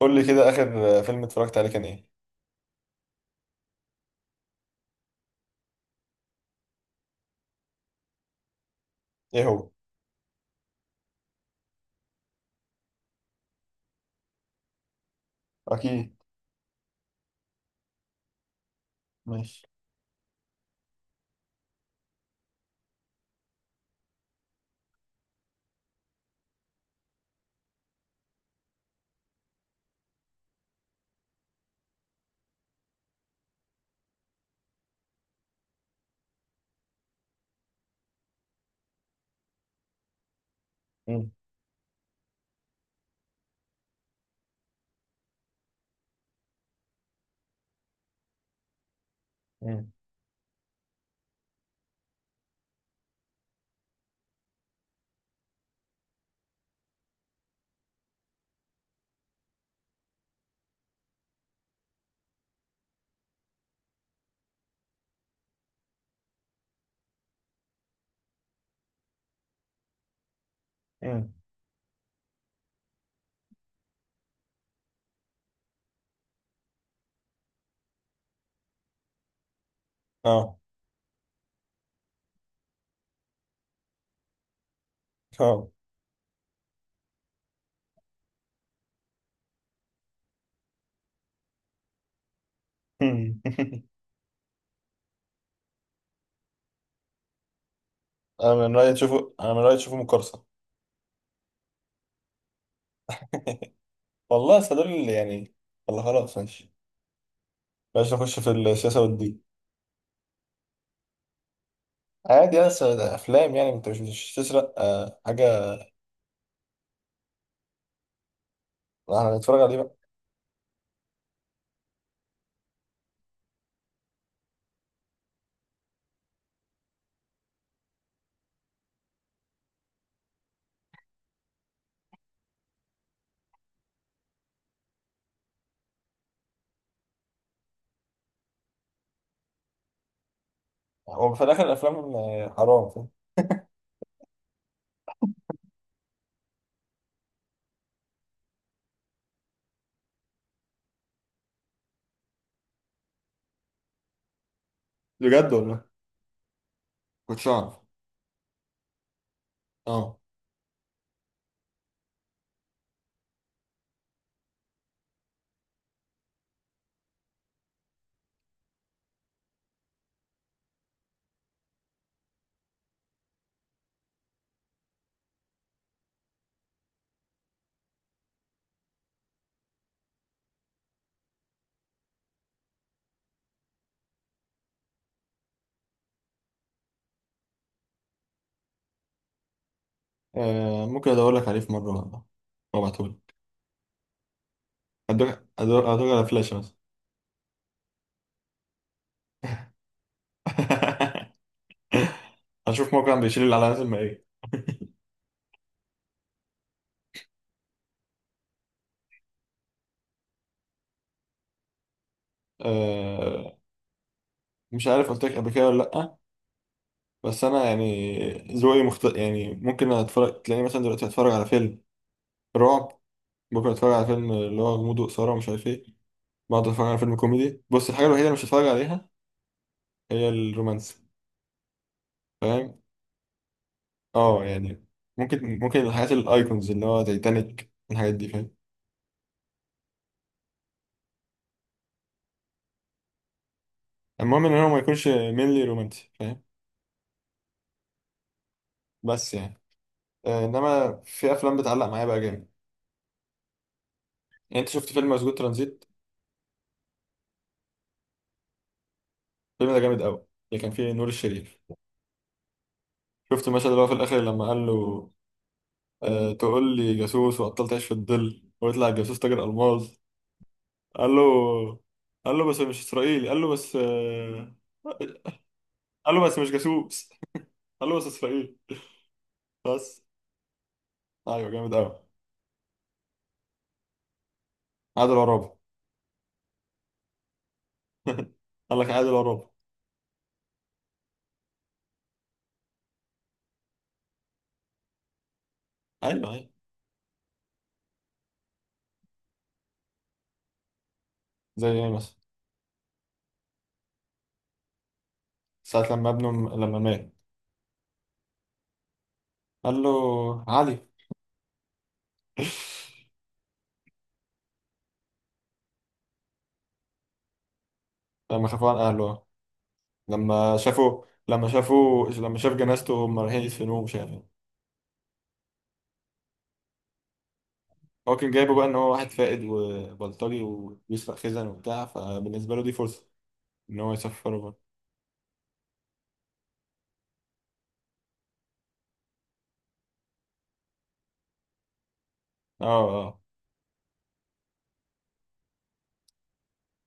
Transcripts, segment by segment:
قول لي كده آخر فيلم اتفرجت عليه كان إيه؟ إيه هو؟ أكيد. ماشي. مم. مم. مم. آه. آه. مم. أنا من رأيي تشوفه، أنا من رأيي تشوفه مقرصة. والله أصل دول اللي يعني، والله خلاص، ماشي. بلاش نخش في السياسة والدين. عادي، يا أصل ده أفلام يعني، أنت مش تسرق حاجة. إحنا هنتفرج عليه بقى. هو في الآخر الأفلام حرام، فاهم؟ بجد والله، كنتش أعرف. آه. ممكن أدور لك عليه في مرة والله، وابعتهولك. أدور على فلاشة بس. هنشوف موقع بيشيل الاعلانات المائية. أه، مش عارف قلت لك قبل كده ولا لأ، بس أنا يعني ذوقي يعني ممكن أتفرج، تلاقيني مثلا دلوقتي أتفرج على فيلم رعب، ممكن أتفرج على فيلم اللي هو غموض وإثارة ومش عارف إيه، بقعد أتفرج على فيلم كوميدي. بص، الحاجة الوحيدة اللي مش هتفرج عليها هي الرومانسي، فاهم. أه يعني ممكن الحاجات الأيكونز اللي هو تايتانيك الحاجات دي، فاهم. المهم إن هو ما يكونش مينلي رومانسي، فاهم. بس يعني أه، إنما في أفلام بتعلق معايا بقى جامد. يعني أنت شفت فيلم مسجون ترانزيت؟ الفيلم ده جامد قوي، اللي كان فيه نور الشريف. شفت المشهد اللي هو في الاخر لما قال له تقول لي جاسوس وبطلت تعيش في الظل ويطلع الجاسوس تاجر الماظ؟ قال له، قال له بس مش اسرائيلي، قال له بس آه، قال له بس مش جاسوس. قال له بس اسرائيلي، بس. ايوه، جامد قوي. عادل عرابي. قال لك عادل عرابي. ايوه، ايوه. زي ايه مثلا؟ ساعة لما ابنه لما مات، قال له علي. لما خافوا عن اهله، لما شاف جنازته هم رايحين يدفنوه مش عارف إيه. هو كان جايبه بقى ان هو واحد فائد وبلطجي وبيسرق خزن وبتاع، فبالنسبه له دي فرصه ان هو يسفره بقى. اه، اه.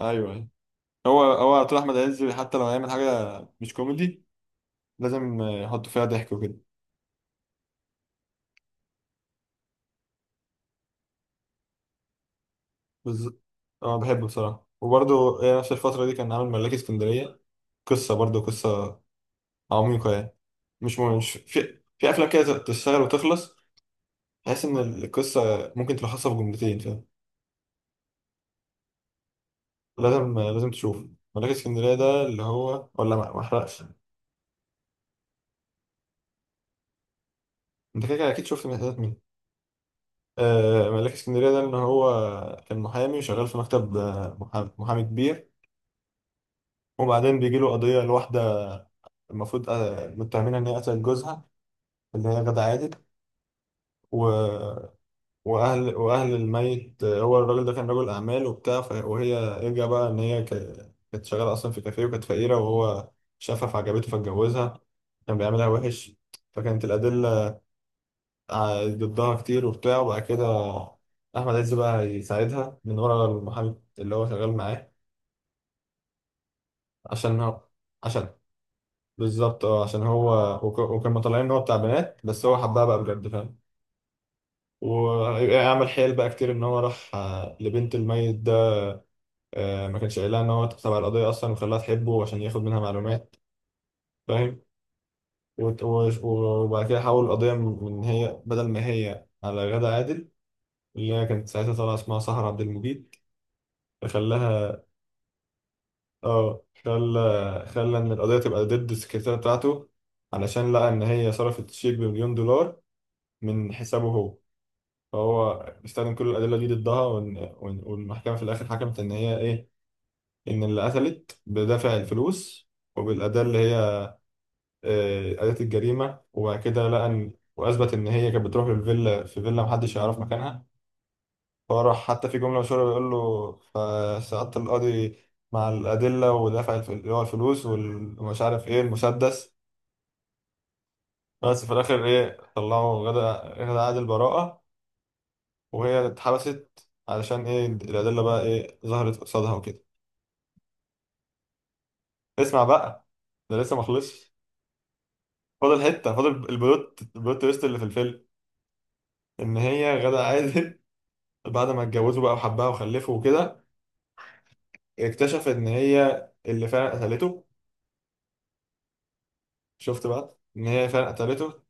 ايوه، أيوة. هو طول احمد عز حتى لو هيعمل حاجه مش كوميدي لازم يحط فيها ضحك وكده. بالظبط، اه بحبه بصراحه، وبرده نفس الفتره دي كان عامل ملاك اسكندريه، قصه، برضه قصه عميقه يعني. مش في افلام كده تشتغل وتخلص، بحس ان القصه ممكن تلخصها في جملتين، فاهم. لازم تشوف ملاك اسكندريه ده، اللي هو، ولا ما احرقش؟ انت كده كده اكيد شفت من حتت منه. آه، ملاك اسكندريه ده ان هو كان محامي وشغال في مكتب، محامي كبير. وبعدين بيجي له قضيه لواحده، المفروض متهمينها ان هي قتلت جوزها، اللي هي غادة عادل. و... واهل الميت، هو الراجل ده كان رجل اعمال وبتاع وهي يرجع بقى ان هي كانت شغاله اصلا في كافيه وكانت فقيره، وهو شافها فعجبته فاتجوزها، كان بيعملها وحش. فكانت الادله ضدها كتير وبتاع. وبعد كده احمد عز بقى يساعدها من ورا المحامي اللي هو شغال معاه عشان هو عشان بالظبط، عشان هو وكانوا طالعين ان هو بتاع بنات، بس هو حبها بقى بجد، فاهم. ويعمل حيل بقى كتير، ان هو راح لبنت الميت، ما كانش قايلها ان هو تبع القضيه اصلا، وخلاها تحبه عشان ياخد منها معلومات، فاهم. وبعد كده حول القضيه من هي، بدل ما هي على غادة عادل اللي هي كانت ساعتها طالعه اسمها سهر عبد المجيد، فخلاها اه خلى خلى ان القضيه تبقى ضد السكرتيره بتاعته، علشان لقى ان هي صرفت شيك بمليون دولار من حسابه هو. فهو استخدم كل الادله دي ضدها والمحكمه في الاخر حكمت ان هي ايه، ان اللي قتلت بدافع الفلوس وبالاداه اللي هي أداة الجريمة. وبعد كده لقى إن وأثبت إن هي كانت بتروح للفيلا، في فيلا محدش يعرف مكانها، فهو راح. حتى في جملة مشهورة بيقول له فسقطت القاضي مع الأدلة ودفع اللي هو الفلوس ومش عارف إيه المسدس. بس في الآخر إيه، طلعوا غدا عادل البراءة، وهي اتحبست، علشان إيه الأدلة بقى إيه ظهرت قصادها وكده. اسمع بقى، ده لسه ما خلصش. فاضل حتة، فاضل البلوت تويست اللي في الفيلم. إن هي غدا عادل بعد ما اتجوزوا بقى وحبها وخلفوا وكده، اكتشف ان هي اللي فعلا قتلته. شفت بقى ان هي فعلا قتلته،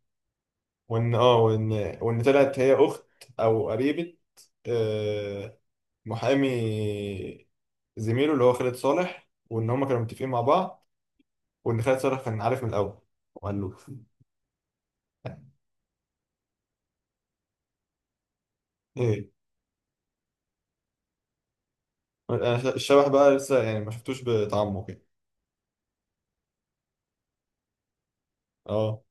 وان اه وان وان طلعت هي اخت او قريبة آه، محامي زميله اللي هو خالد صالح، وان هما كانوا متفقين مع بعض، وان خالد صالح كان عارف من الاول، وقال له. ايه؟ انا الشبح بقى لسه يعني ما شفتوش بطعمه كده. اه،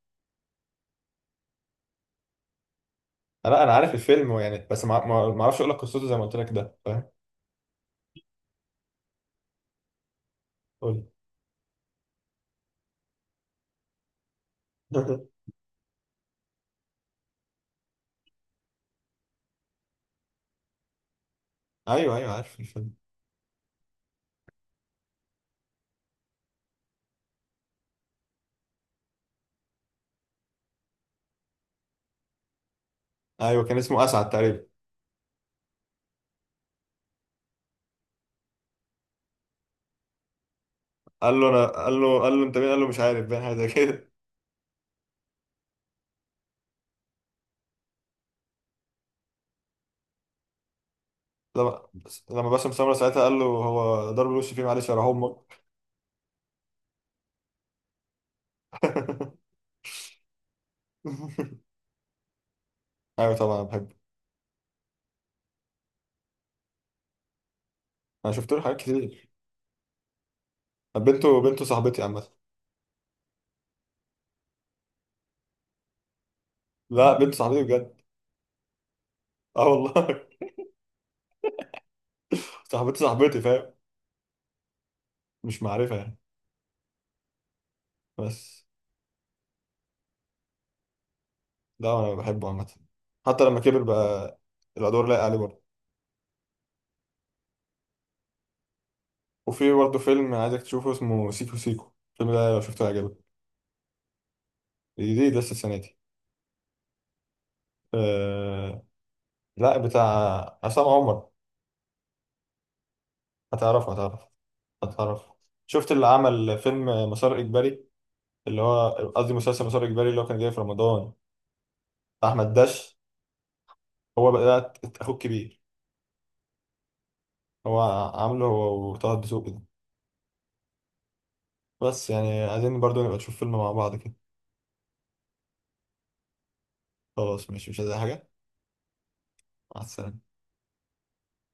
لا انا عارف الفيلم يعني، بس ما ما اعرفش اقول لك قصته زي ما قلت لك ده، فاهم. قول لي. ايوه، ايوه، عارف الفيلم. ايوه كان اسمه اسعد تقريبا. قال له انت مين؟ قال له مش عارف، باين حاجه زي كده. لما لما باسم سمره ساعتها قال له هو ضرب الوش فيه معلش يا امك. ايوه طبعا بحبه. انا شفت له حاجات كتير. بنته، بنته صاحبتي عامه. لا، بنت صاحبتي بجد. اه والله. صاحبتي، صاحبتي، فاهم. مش معرفه يعني، بس. لا انا بحبه عامه، حتى لما كبر بقى الادوار لايقه عليه برضه. وفي برضه فيلم عايزك تشوفه اسمه سيكو سيكو، الفيلم ده لو شفته هيعجبك، جديد لسه السنه دي. آه، لا، بتاع عصام عمر. هتعرف، هتعرف، هتعرف. شفت اللي عمل فيلم مسار إجباري، اللي هو قصدي مسلسل مسار إجباري اللي هو كان جاي في رمضان بتاع أحمد داش؟ هو بقى ده أخوه الكبير، هو عامله هو وطه الدسوقي ده. بس يعني عايزين برضو نبقى نشوف فيلم مع بعض كده. خلاص ماشي، مش عايز أي حاجة. مع السلامة.